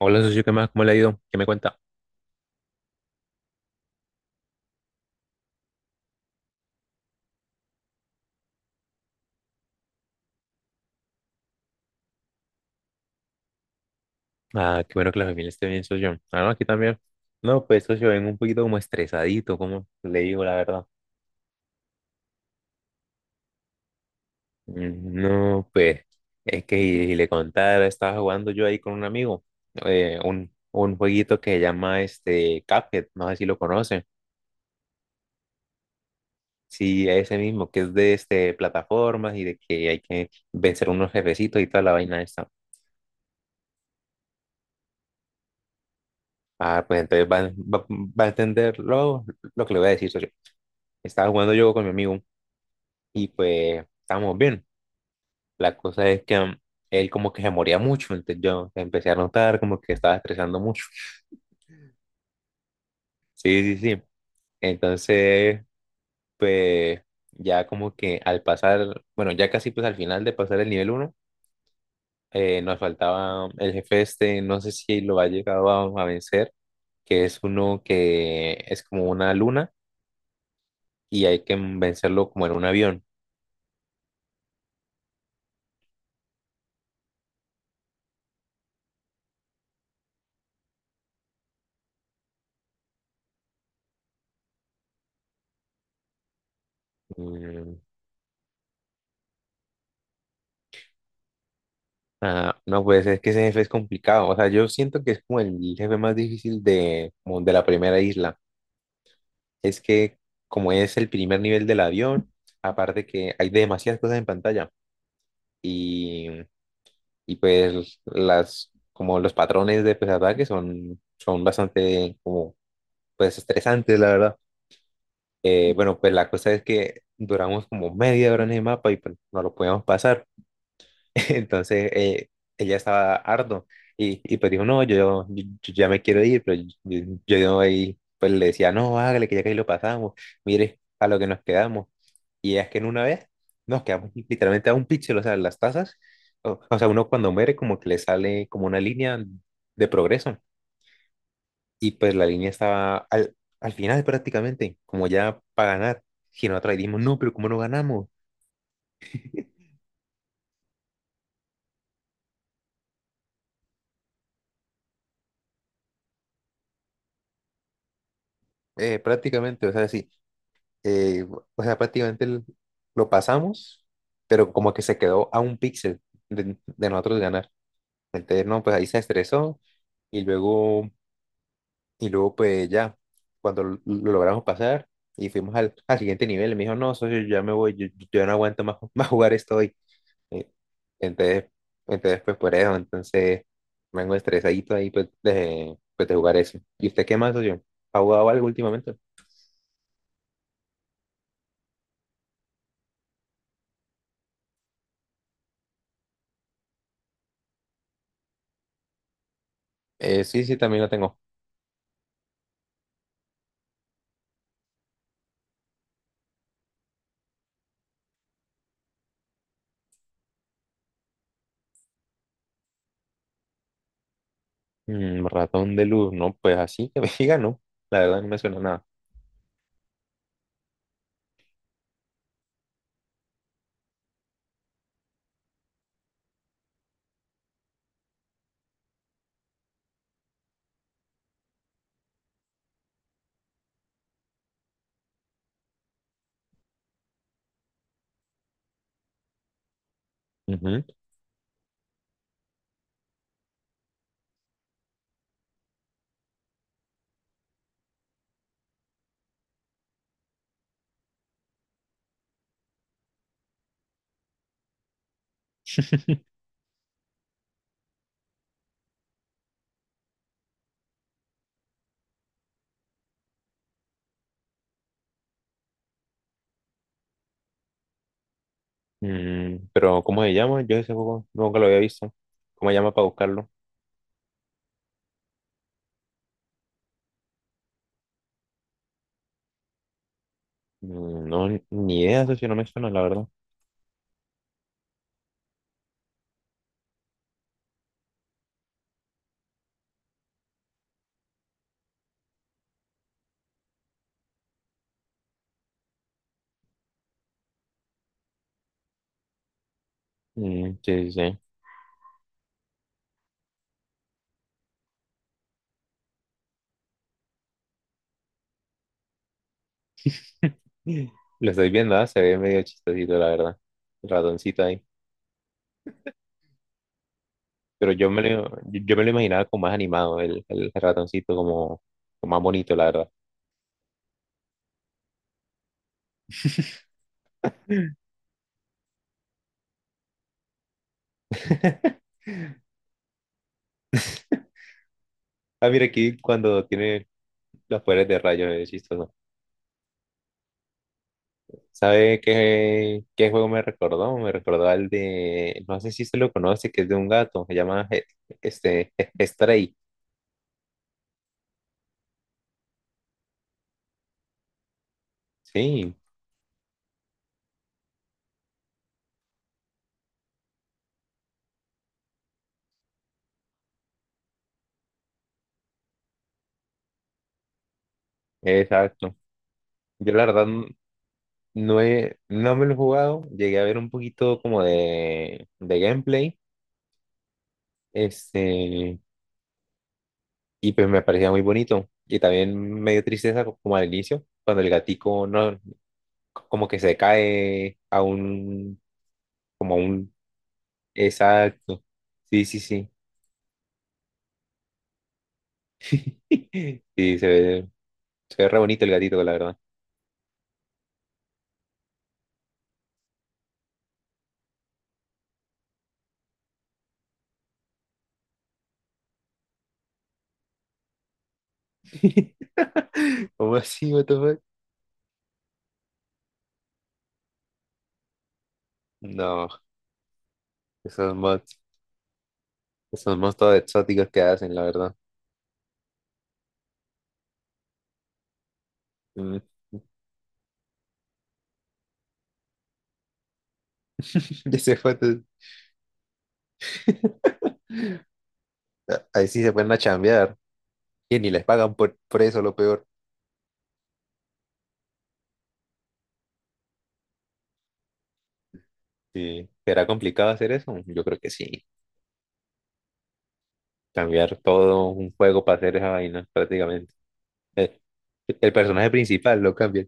Hola, socio, ¿qué más? ¿Cómo le ha ido? ¿Qué me cuenta? Ah, qué bueno que la familia esté bien, socio. Ah, no, aquí también. No, pues, socio, vengo un poquito como estresadito, como le digo la verdad. No, pues, es que y le contara, estaba jugando yo ahí con un amigo, un jueguito que se llama este Cuphead, no sé si lo conocen. Sí, ese mismo, que es de este plataformas y de que hay que vencer unos jefecitos y toda la vaina esta. Ah, pues entonces va a entender lo que le voy a decir, socio. Estaba jugando yo con mi amigo y pues estábamos bien. La cosa es que él como que se moría mucho, entonces yo empecé a notar como que estaba estresando mucho. Sí, sí, sí. Entonces, pues ya como que al pasar, bueno, ya casi pues al final de pasar el nivel 1, nos faltaba el jefe este, no sé si lo ha llegado a vencer, que es uno que es como una luna y hay que vencerlo como en un avión. Mm, Ah, no, pues es que ese jefe es complicado. O sea, yo siento que es como el jefe más difícil de, como de la primera isla. Es que como es el primer nivel del avión, aparte que hay demasiadas cosas en pantalla y, y pues las, como los patrones de pues, ataque son, son bastante como pues estresantes, la verdad. Bueno, pues la cosa es que duramos como media hora en el mapa y pues, no lo podíamos pasar. Entonces ella estaba harto y pues dijo, no, yo ya me quiero ir, pero yo ahí pues le decía, no, hágale que ya que ahí lo pasamos, mire a lo que nos quedamos. Y es que en una vez nos quedamos literalmente a un píxel, o sea, las tazas, o sea, uno cuando muere como que le sale como una línea de progreso y pues la línea estaba al final prácticamente, como ya para ganar, si nosotros dijimos, no, pero ¿cómo no ganamos? Prácticamente, o sea, sí eh, o sea, prácticamente lo pasamos, pero como que se quedó a un píxel de nosotros ganar. Entonces, no, pues ahí se estresó y luego, y luego pues ya, cuando lo logramos pasar y fuimos al, al siguiente nivel, me dijo, no, socio, yo ya me voy, yo no aguanto más, más jugar esto hoy. Eh, entonces, entonces, pues por eso, entonces, vengo estresadito ahí pues, de jugar eso. ¿Y usted qué más, socio? ¿Ha jugado algo últimamente? Sí, sí, también lo tengo. Mm, ratón de luz, no, pues así que me diga, no, la verdad no me suena nada. Ujú. Mm, pero ¿cómo se llama? Yo ese juego nunca lo había visto. ¿Cómo se llama para buscarlo? Mm, no, ni idea, eso sí no me suena, la verdad. Mm, sí, sí, sí. Lo estoy viendo, ah, se ve medio chistosito, la verdad. El ratoncito ahí. Pero yo me lo, yo me lo imaginaba como más animado, el ratoncito como, como más bonito, la verdad. Ah, mira aquí cuando tiene los poderes de rayos, es chistoso. ¿Sabe qué, qué juego me recordó? Me recordó al de, no sé si se lo conoce, que es de un gato, se llama Stray. Sí, exacto. Yo la verdad no he, no me lo he jugado, llegué a ver un poquito como de gameplay, este, y pues me parecía muy bonito. Y también me dio tristeza como al inicio, cuando el gatico no, como que se cae a un, como a un, exacto. Sí, sí, sí. Sí, se ve, se ve re bonito el gatito, la verdad. ¿Cómo así, what the fuck? No, esos mods, esos mods todos exóticos que hacen, la verdad. Mm, ya se fue. Ahí sí se pueden a chambear. Y ni les pagan por eso, lo peor. Sí. ¿Será complicado hacer eso? Yo creo que sí. Cambiar todo un juego para hacer esa vaina, prácticamente. El, el personaje principal lo cambia.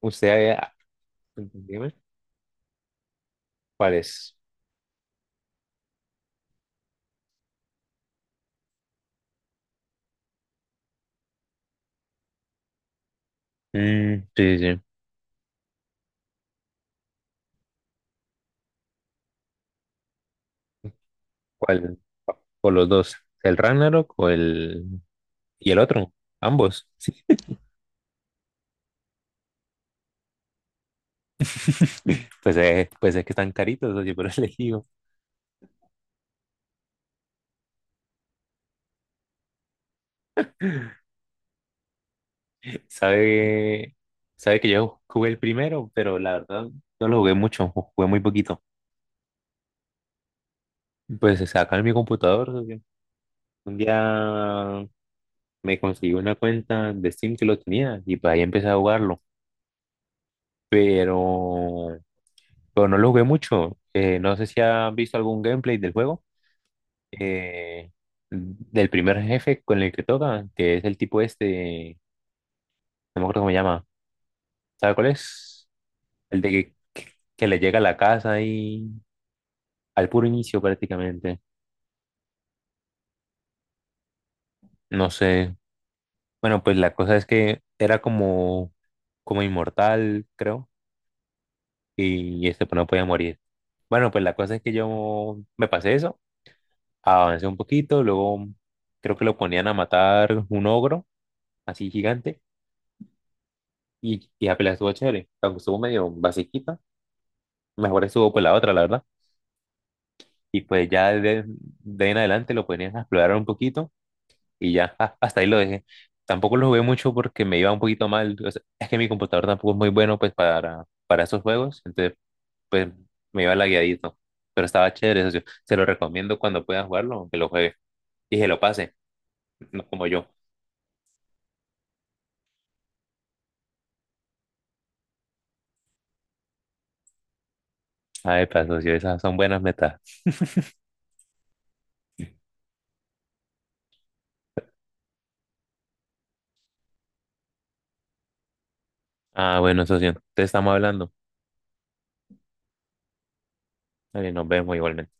Usted, dime, ¿cuál es? Mm, sí, sí. ¿Cuál? ¿O los dos? ¿El Ragnarok o el... y el otro? Ambos. Sí. Pues, pues es que están caritos, oye, pero elegido. Sabe, sabe que yo jugué el primero, pero la verdad no lo jugué mucho, jugué muy poquito. Pues se acá en mi computador, oye, un día me conseguí una cuenta de Steam que lo tenía y pues ahí empecé a jugarlo, pero, pero no lo jugué mucho. No sé si has visto algún gameplay del juego. eh, del primer jefe con el que toca, que es el tipo este, no me acuerdo cómo se llama, ¿sabe cuál es? El de que, que le llega a la casa y al puro inicio prácticamente, no sé. Bueno, pues la cosa es que era como, como inmortal, creo, y este pues no podía morir. Bueno, pues la cosa es que yo me pasé eso, avancé un poquito, luego creo que lo ponían a matar un ogro, así gigante, y apenas estuvo chévere, aunque estuvo medio basiquita, mejor estuvo por la otra, la verdad. Y pues ya de ahí en adelante lo ponían a explorar un poquito y ya hasta ahí lo dejé. Tampoco lo jugué mucho porque me iba un poquito mal. O sea, es que mi computador tampoco es muy bueno pues para esos juegos, entonces pues me iba lagueadito. Pero estaba chévere, socio. Se lo recomiendo cuando pueda jugarlo, aunque lo juegue y se lo pase, no como yo. Ay, pues, socio, esas son buenas metas. Ah, bueno, socio, te estamos hablando. Dale, nos vemos igualmente.